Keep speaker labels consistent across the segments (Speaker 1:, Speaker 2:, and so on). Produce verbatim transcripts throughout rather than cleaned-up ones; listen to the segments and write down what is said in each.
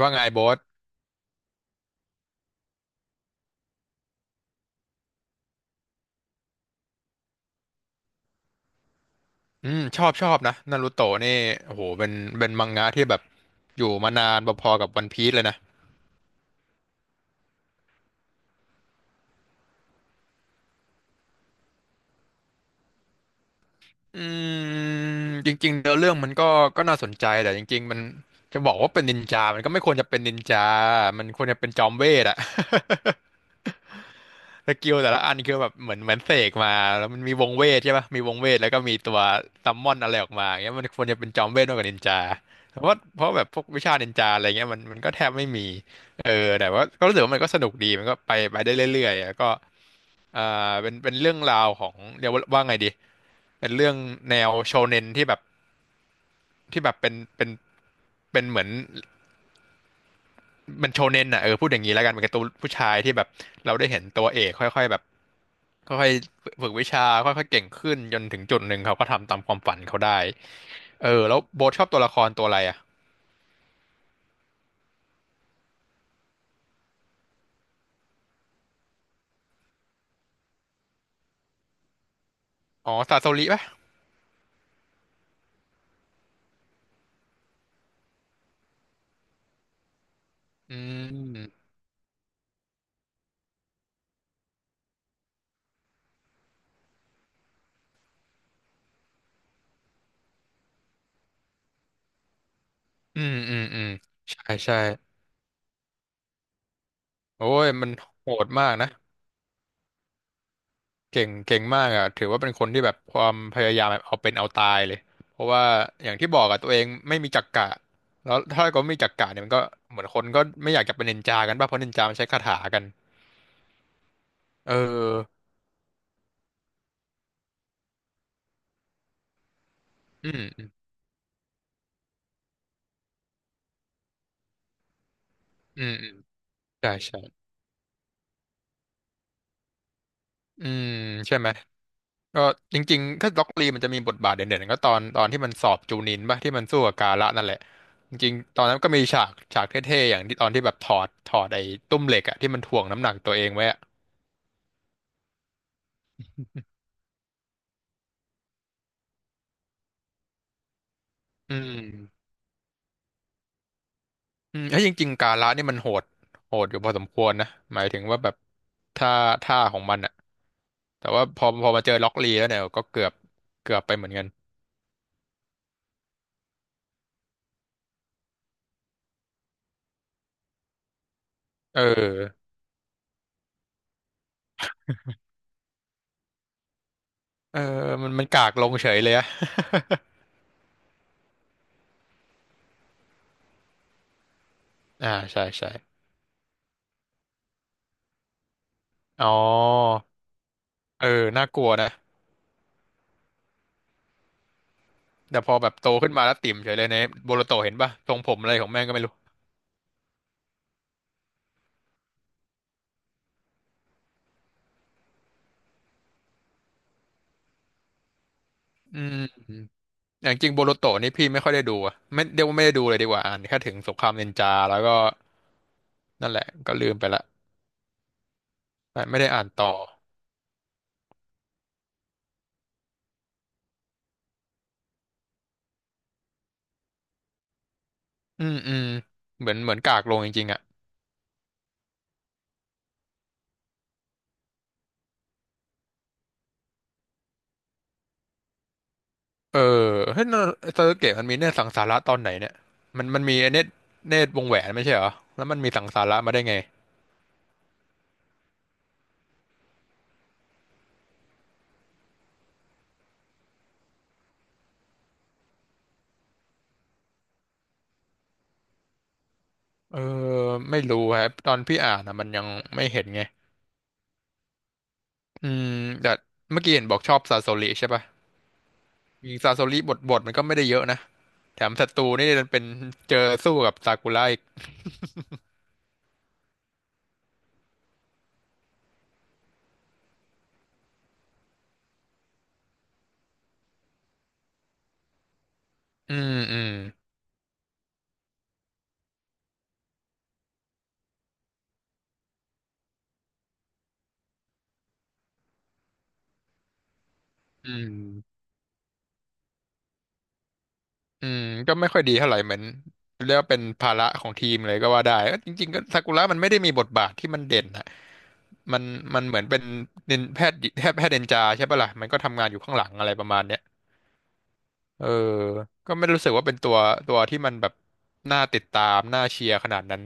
Speaker 1: ว่าไงโบสอืมชอบชอบนะนารูโตะนี่โอ้โหเป็นเป็นมังงะที่แบบอยู่มานานพอๆกับวันพีซเลยนะอืมจริงๆเนื้อเรื่องมันก็ก็น่าสนใจแต่จริงๆมันจะบอกว่าเป็นนินจามันก็ไม่ควรจะเป็นนินจา มันควรจะเป็นจอมเวทอะ สกิลแต่ละอันคือแบบเหมือนเหมือนเสกมาแล้วมันมีวงเวทใช่ปะมีวงเวทแล้วก็มีตัวซัมมอนอะไรออกมาอย่างเงี้ยมันควรจะเป็นจอมเวทมากกว่านินจาเพราะว่าเพราะแบบพวกวิชานินจาอะไรเงี้ยมันมันก็แทบไม่มีเออแต่ว่าก็รู้สึกว่ามันก็สนุกดีมันก็ไปไปได้เรื่อยๆแล้วก็อ่าเป็นเป็นเรื่องราวของเรียกว่าว่าไงดีเป็นเรื่องแนวโชเน็นที่แบบที่แบบเป็นเป็นเป็นเหมือน มันโชเน็นอ่ะเออพูดอย่างนี้แล้วกันเป็นการ์ตูนผู้ชายที่แบบเราได้เห็นตัวเอกค่อยๆแบบค่อยๆฝึกวิชาค่อยๆเก่งขึ้นจนถึงจุดหนึ่งเขาก็ทำตามความฝันเขาได้เออแล้วโบ๊ทชอบตัวละครตัวอะไรอ่ะอ๋อซาโซริป่ะอืมอืมอืมอืมใช่ใช่โอ้ยมันโหดมากนะ เก่งเก่งมากอ่ะถือว่าเป็นคนที่แบบความพยายามแบบเอาเป็นเอาตายเลยเพราะว่าอย่างที่บอกอ่ะตัวเองไม่มีจักกะแล้วถ้าก็ไม่มีจักกะเนี่ยมันก็เหมือนคนก็ไม่อยากจะเป็นนินจากันป่ะเพราะนินจามันใช้คาถากันเอออืมอืมอืมใช่ใช่อืมใช่ไหมก็จริงๆถ้าล็อกลีมันจะมีบทบาทเด่นๆก็ตอนตอนที่มันสอบจูนินป่ะที่มันสู้กับกาละนั่นแหละจริงๆตอนนั้นก็มีฉากฉากเท่ๆอย่างที่ตอนที่แบบถอดถอดไอ้ตุ้มเหล็กอ่ะที่มันถ่วงน้ำหนักตัวเองไว้อ่ะอืม อืมไอ้ยจริงๆกาละนี่มันโหดโหดอยู่พอสมควรนะหมายถึงว่าแบบท่าท่าของมันอะแต่ว่าพอพอมาเจอล็อกลีแล้วเนี่ยก็เกือบเกือบไปเหมือนกันเออเออมันมันกากลงเฉยเลยอะ อ่าใช่ใช่อ๋อเออน่ากลัวนะแต่พอแบบโตขึ้นมาแล้วติ่มเฉยเลยในโบโลโตเห็นป่ะทรงผมอะไรของแม่งก็ไม่รู้อืมอย่างจริงโบโลโตนี่พี่ไม่ค่อยได้ดูอะไม่เดียวาไม่ได้ดูเลยดีกว่าอ่านแค่ถึงสงครามนินจาแล้วก็นั่นแหละก็ลืมไปละ แต่ไม่ได้อ่านต่อ อืมอืมเหมือนเหมือนกากลงจริงๆอ่ะเออเฮ้ยสเซอร์เกตมันมีเนตรสังสาระตอนไหนเนี่ยมันมันมีเนตรเนตรวงแหวนไม่ใช่เหรอแล้วมันมีสังสาระมาได้ไงเออไม่รู้ครับตอนพี่อ่านอ่ะมันยังไม่เห็นไงอืมแต่เมื่อกี้เห็นบอกชอบซาโซริใช่ปะจริงๆซาโซริบทบทมันก็ไม่ได้เยอะนะแถมศัตรูนี่มันเป็นเจอสู้กับซากุระอีกอืมอืมอืม อืมก็ไม่ค่อยดีเท่าไหร่เหมือนเรียกว่าเป็นภาระของทีมเลยก็ว่าได้เอ้ยจริงๆก็ซากุระมันไม่ได้มีบทบาทที่มันเด่นนะมันมันเหมือนเป็นนินแพทย์แพทย์แพทย์เดนจาใช่ปะล่ะมันก็ทำงานอยู่ข้างหลังอะไรประมาณเนี้ยเออก็ไม่รู้สึกว่าเป็นตัวตัวที่มันแบบน่าติดตามน่าเชียร์ขนาดนั้น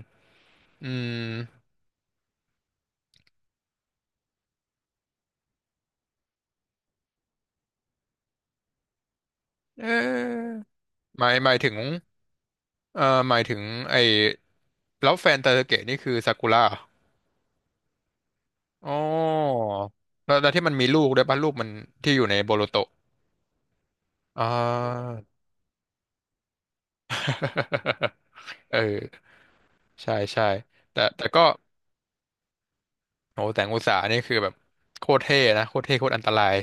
Speaker 1: อืมเออหมายหมายถึงเอ่อหมายถึงไอ้แล้วแฟนตาเกะนี่คือซากุระเหรออ๋อแล้วแล้วที่มันมีลูกด้วยป่ะลูกมันที่อยู่ในโบโลโต อ่า เออใช่ใช่แต่แต่ก็โหแต่งอุตสาหนี่คือแบบโคตรเท่นะโคตรเท่โคตรอันตราย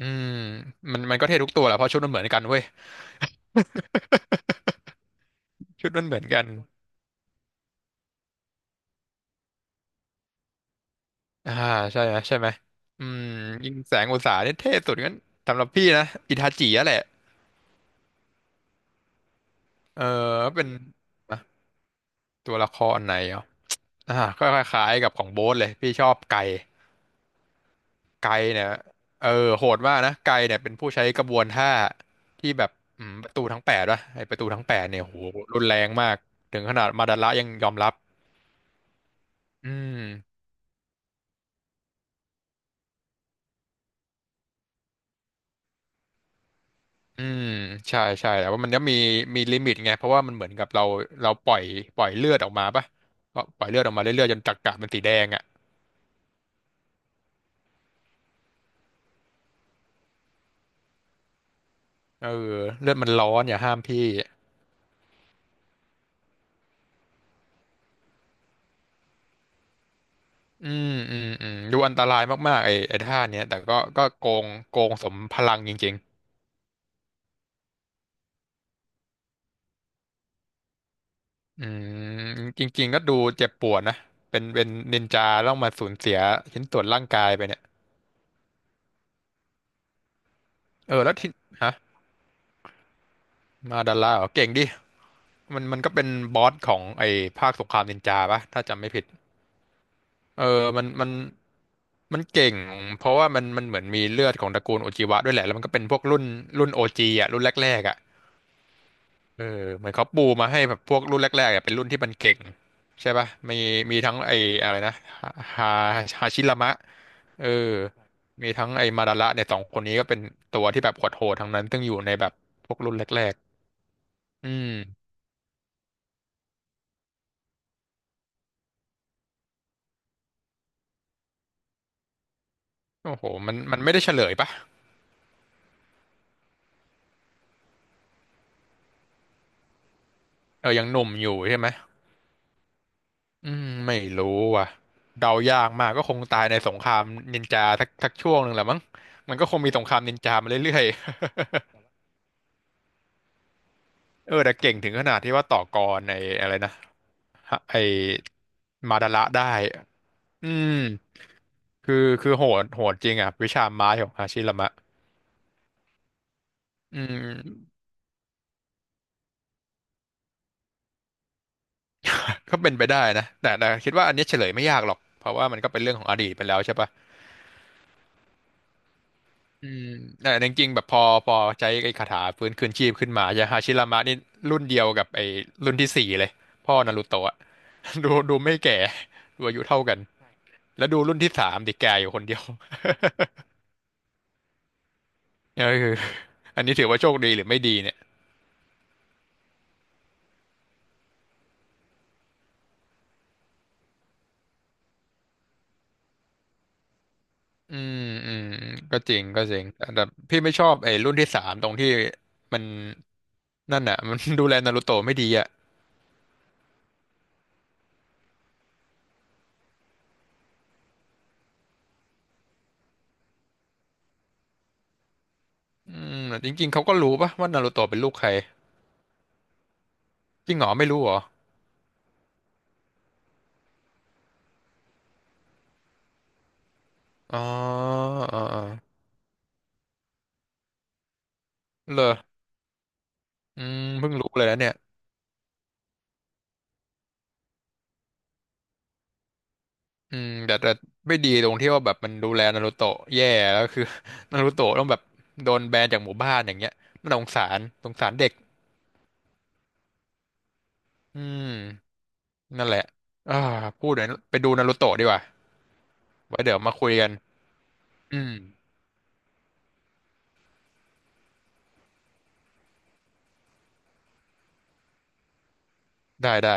Speaker 1: อืมมันมันก็เท่ทุกตัวแหละเพราะชุดมันเหมือนกันเว้ย ชุดมันเหมือนกันอ่าใช่ไหมใช่ไหมอืมยิงแสงอุตสาหนี่เท่สุดงั้นสำหรับพี่นะอิทาจิอะแหละเออเป็นอ่ะตัวละครไหนเหรออ่าก็คล้ายๆกับของโบ๊ทเลยพี่ชอบไก่ ไกเนี่ยเออโหดมากนะไกเนี่ยเป็นผู้ใช้กระบวนท่าที่แบบอืมประตูทั้งแปดวะไอประตูทั้งแปดเนี่ยโหรุนแรงมากถึงขนาดมาดาระยังยอมรับอืมอืมใช่ใช่แต่ว่ามันก็มีมีลิมิตไงเพราะว่ามันเหมือนกับเราเราปล่อยปล่อยเลือดออกมาปะก็ปล่อยเลือดออกมาเรื่อยๆจนจักระมันสีแดงอ่ะเออเลือดมันร้อนอย่าห้ามพี่อืมอืมอืมดูอันตรายมากๆไอ้ไอ้ท่าเนี้ยแต่ก็ก็โกงโกงสมพลังจริงๆ อืมจริงๆก็ดูเจ็บปวดนะเป็นเป็นนินจาต้องมาสูญเสียชิ้นส่วนร่างกายไปเนี่ยเออแล้วที่ฮะมาดาร่าเหรอเก่งดิมันมันก็เป็นบอสของไอ้ภาคสงครามนินจาปะถ้าจำไม่ผิดเออมันมันมันเก่งเพราะว่ามันมันเหมือนมีเลือดของตระกูลโอจิวะด้วยแหละแล้วมันก็เป็นพวกรุ่นรุ่นโอจีอ่ะรุ่นแรกๆอ่ะเออเหมือนเขาปูมาให้แบบพวกรุ่นแรกๆอ่ะเป็นรุ่นที่มันเก่งใช่ปะมีมีทั้งไอ้อะไรนะฮาฮาชิรามะ เออมีทั้งไอ้มาดาระเนี่ยสองคนนี้ก็เป็นตัวที่แบบโหดๆทั้งนั้นซึ่งอยู่ในแบบพวกรุ่นแรกๆอืมโอ้โหมันมันไม่ได้เฉลยปะเออยังหนุ่มอยู่ใช่ไหมอืมไม่รู้ว่ะเดายากมากก็คงตายในสงครามนินจาสักสักช่วงหนึ่งแหละมั้งมันก็คงมีสงครามนินจามาเรื่อยๆเออแต่เก่งถึงขนาดที่ว่าต่อกรในอะไรนะฮะไอมาดาระได้อืมคือคือโหดโหดจริงอ่ะวิชาไม้ของฮาชิรามะอืม ก็เป็นไปได้นะแต่แต่คิดว่าอันนี้เฉลยไม่ยากหรอกเพราะว่ามันก็เป็นเรื่องของอดีตไปแล้วใช่ปะอืมแต่จริงๆแบบพอพอใช้ไอ้คาถาฟื้นคืนชีพขึ้นมายาฮาชิรามะนี่รุ่นเดียวกับไอ้รุ่นที่สี่เลยพ่อนารูโตะอะ ดูดูไม่แก่ดูอายุเท่ากันแล้วดูรุ่นที่สามดิแก่อยู่คนเดียว เออคืออันนี้ถือว่าโชคดีหรือไม่ดีเนี่ยอืมอืมก็จริงก็จริงแต่แต่พี่ไม่ชอบไอ้รุ่นที่สามตรงที่มันนั่นน่ะมัน ดูแลนารูโตะไม่ดีอ่ะ อืมแต่จริงๆ เขาก็รู้ปะว่านารูโตะเป็นลูกใครจริงเหรอไม่รู้เหรออ๋ออ๋ออ๋อเหรออืมเพิ่งรู้เลยนะเนี่ยอืมแต่แต่ไม่ดีตรงที่ว่าแบบมันดูแลนารูโตะแย่แล้วคือ นารูโตะต้องแบบโดนแบนจากหมู่บ้านอย่างเงี้ยมันสงสารสงสารเด็กอืมนั่นแหละอ่าพูดเดี๋ยวไปดูนารูโตะดีกว่าไว้เดี๋ยวมาคุยกันอืมได้ได้